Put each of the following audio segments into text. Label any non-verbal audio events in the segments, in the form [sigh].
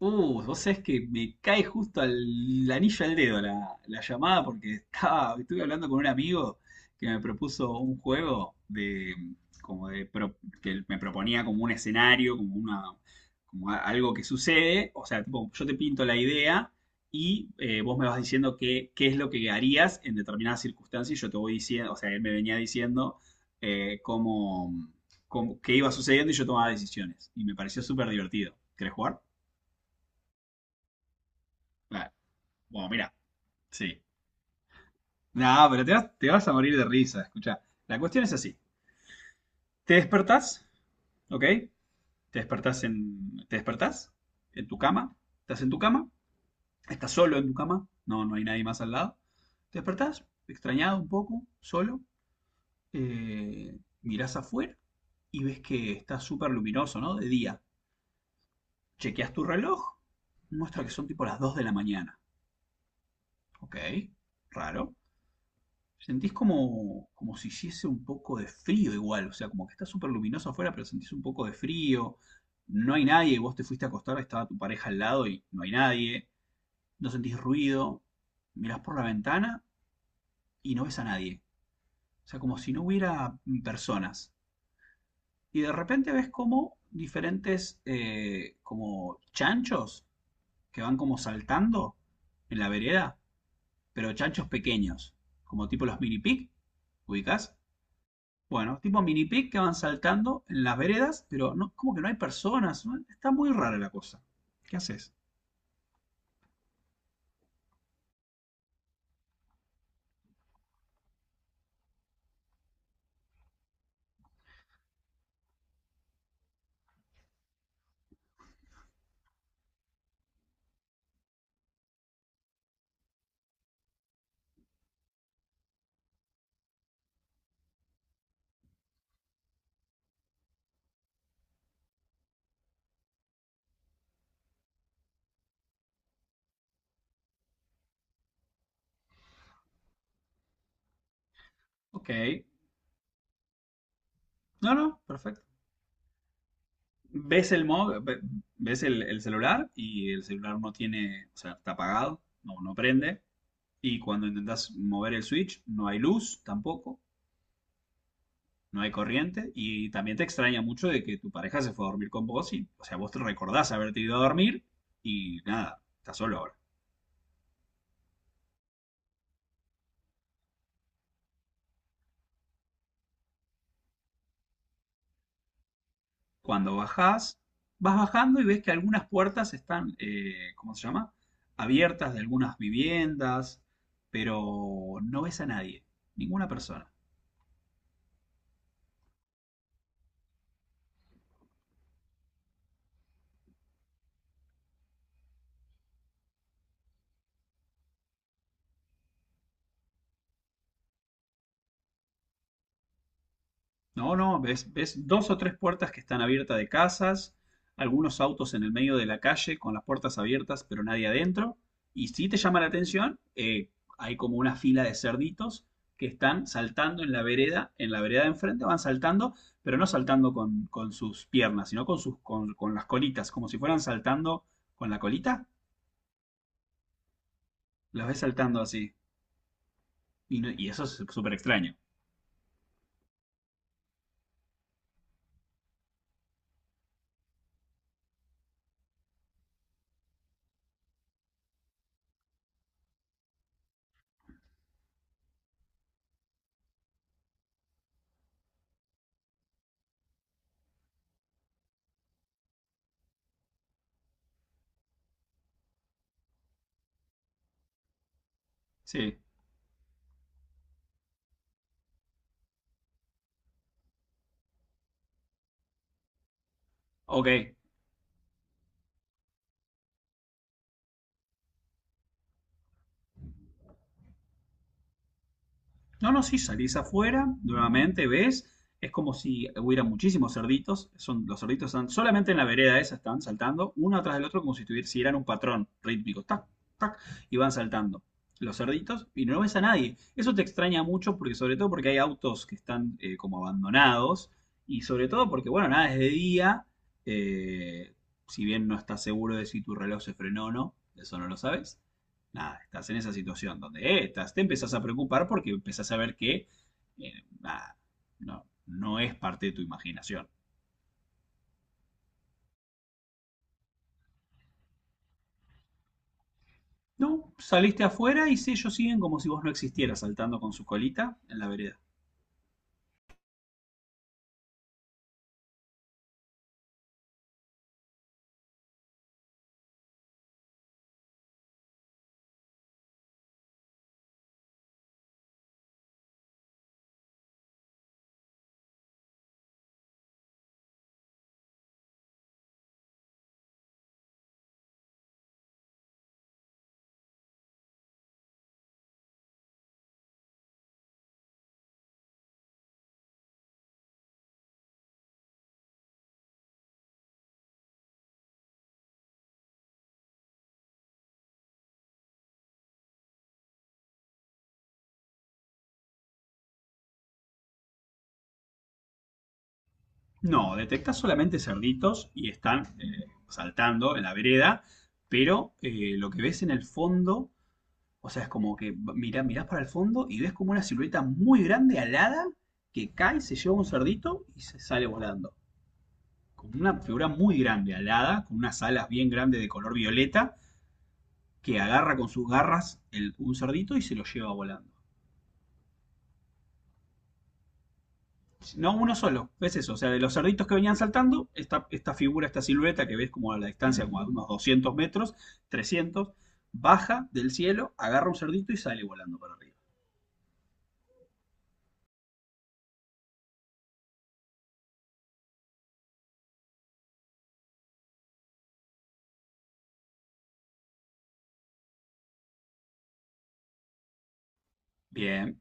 Vos sabés que me cae justo al el anillo al dedo la llamada porque estuve hablando con un amigo que me propuso un juego de, como de, pro- que me proponía como un escenario, como una, como a- algo que sucede, o sea, tipo, yo te pinto la idea y vos me vas diciendo qué es lo que harías en determinadas circunstancias y yo te voy diciendo, o sea, él me venía diciendo eh, cómo, qué iba sucediendo y yo tomaba decisiones. Y me pareció súper divertido. ¿Querés jugar? Vale. Bueno, mira, sí. No, pero te vas a morir de risa, escucha. La cuestión es así. Te despertás, ¿ok? Te despertás en tu cama. Estás en tu cama. Estás solo en tu cama. No, no hay nadie más al lado. Te despertás, extrañado un poco, solo. eh, Mirás afuera y ves que está súper luminoso, ¿no? De día. Chequeas tu reloj. Muestra que son tipo las 2 de la mañana. Ok, raro. Sentís como si hiciese un poco de frío igual, o sea, como que está súper luminoso afuera, pero sentís un poco de frío, no hay nadie, vos te fuiste a acostar, estaba tu pareja al lado y no hay nadie, no sentís ruido, mirás por la ventana y no ves a nadie, o sea, como si no hubiera personas. Y de repente ves como diferentes, como chanchos que van como saltando en la vereda, pero chanchos pequeños, como tipo los mini pig, ¿ubicás? Bueno, tipo mini pic que van saltando en las veredas, pero no, como que no hay personas, ¿no? Está muy rara la cosa. ¿Qué haces? Ok. No, no, perfecto. Ves el mo- ve- Ves el celular y el celular no tiene, o sea, está apagado, no, no prende. Y cuando intentas mover el switch, no hay luz tampoco, no hay corriente. Y también te extraña mucho de que tu pareja se fue a dormir con vos y, o sea, vos te recordás haberte ido a dormir y nada, estás solo ahora. Cuando bajás, vas bajando y ves que algunas puertas están, ¿cómo se llama? Abiertas de algunas viviendas, pero no ves a nadie, ninguna persona. No, no, ves dos o tres puertas que están abiertas de casas, algunos autos en el medio de la calle con las puertas abiertas pero nadie adentro. Y si te llama la atención, hay como una fila de cerditos que están saltando en la vereda de enfrente van saltando, pero no saltando con sus piernas, sino con las colitas, como si fueran saltando con la colita. Los ves saltando así. Y, no- y eso es súper extraño. Sí. Ok. No, no, sí, salís afuera, nuevamente ves, es como si hubiera muchísimos cerditos, los cerditos están solamente en la vereda esa, están saltando uno atrás del otro como si tuvieran si eran un patrón rítmico, tac, tac, y van saltando los cerditos y no ves a nadie. Eso te extraña mucho porque sobre todo porque hay autos que están como abandonados y sobre todo porque, bueno, nada, es de día, eh, si bien no estás seguro de si tu reloj se frenó o no, eso no lo sabes nada, estás en esa situación donde te empezás a preocupar porque empezás a ver que eh, nada, no, no es parte de tu imaginación. No, saliste afuera y si ellos siguen como si vos no existieras saltando con su colita en la vereda. No, detectás solamente cerditos y están saltando en la vereda, pero lo que ves en el fondo, o sea, es como que mirás para el fondo y ves como una silueta muy grande alada que cae, se lleva un cerdito y se sale volando, con una figura muy grande, alada, con unas alas bien grandes de color violeta, que agarra con sus garras un cerdito y se lo lleva volando. No uno solo, ves eso. O sea, de los cerditos que venían saltando, esta figura, esta silueta que ves como a la distancia, como a unos 200 metros, 300, baja del cielo, agarra un cerdito y sale volando para arriba. Bien.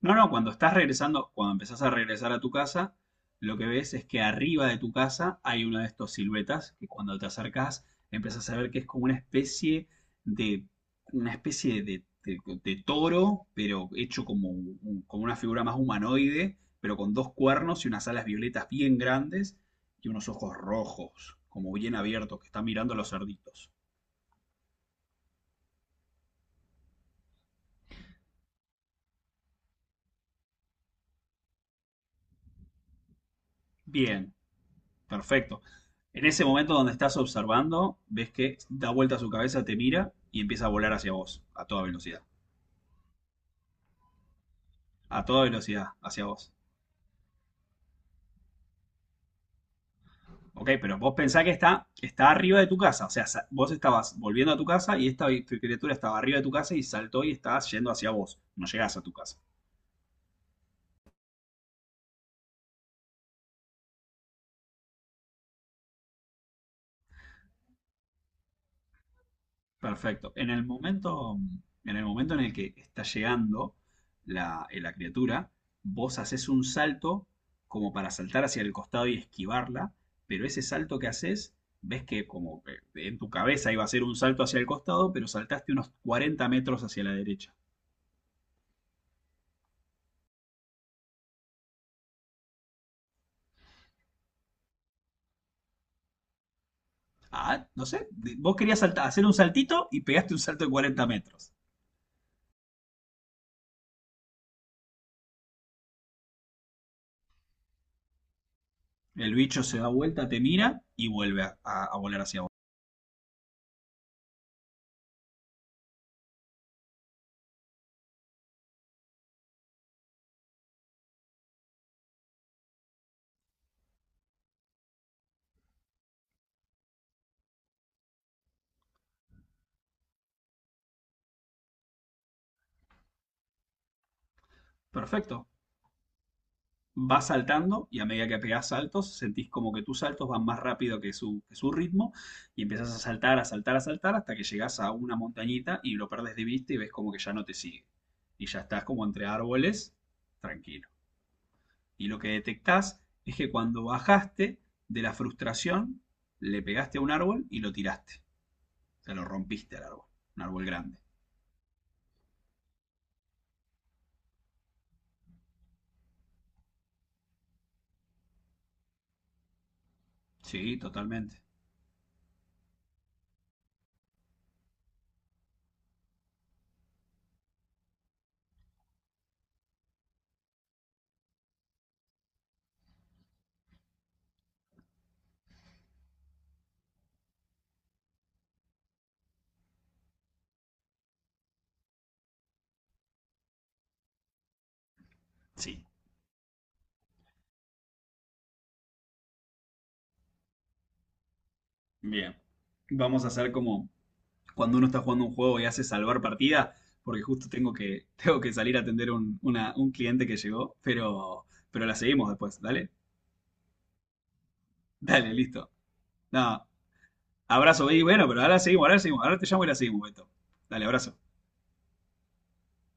No, no, cuando estás regresando, cuando empezás a regresar a tu casa, lo que ves es que arriba de tu casa hay uno de estos siluetas que cuando te acercás empezás a ver que es como una especie de, una especie de, de- de toro, pero hecho como una figura más humanoide, pero con dos cuernos y unas alas violetas bien grandes y unos ojos rojos, como bien abiertos, que está mirando a los cerditos. Bien. Perfecto. En ese momento donde estás observando, ves que da vuelta su cabeza, te mira y empieza a volar hacia vos, a toda velocidad. A toda velocidad, hacia vos. Ok, pero vos pensás que está arriba de tu casa. O sea, vos estabas volviendo a tu casa y esta criatura estaba arriba de tu casa y saltó y estaba yendo hacia vos. No llegás a tu casa. Perfecto. En el momento en el que está llegando la criatura, vos haces un salto como para saltar hacia el costado y esquivarla, pero ese salto que haces, ves que como que en tu cabeza iba a ser un salto hacia el costado, pero saltaste unos 40 metros hacia la derecha. Ah, no sé, vos querías hacer un saltito y pegaste un salto de 40 metros. El bicho se da vuelta, te mira y vuelve a volar hacia vos. Perfecto. Vas saltando y a medida que pegás saltos, sentís como que tus saltos van más rápido que su ritmo y empezás a saltar, a saltar, a saltar hasta que llegás a una montañita y lo perdés de vista y ves como que ya no te sigue. Y ya estás como entre árboles, tranquilo. Y lo que detectás es que cuando bajaste de la frustración, le pegaste a un árbol y lo tiraste. O sea, lo rompiste al árbol. Un árbol grande. Sí, totalmente. Sí. Bien. Vamos a hacer como cuando uno está jugando un juego y hace salvar partida, porque justo tengo que, [laughs] tengo que salir a atender un cliente que llegó, pero la seguimos después, dale, dale, listo. Nada, abrazo, y bueno, pero ahora te llamo y la seguimos, Beto. Dale, abrazo.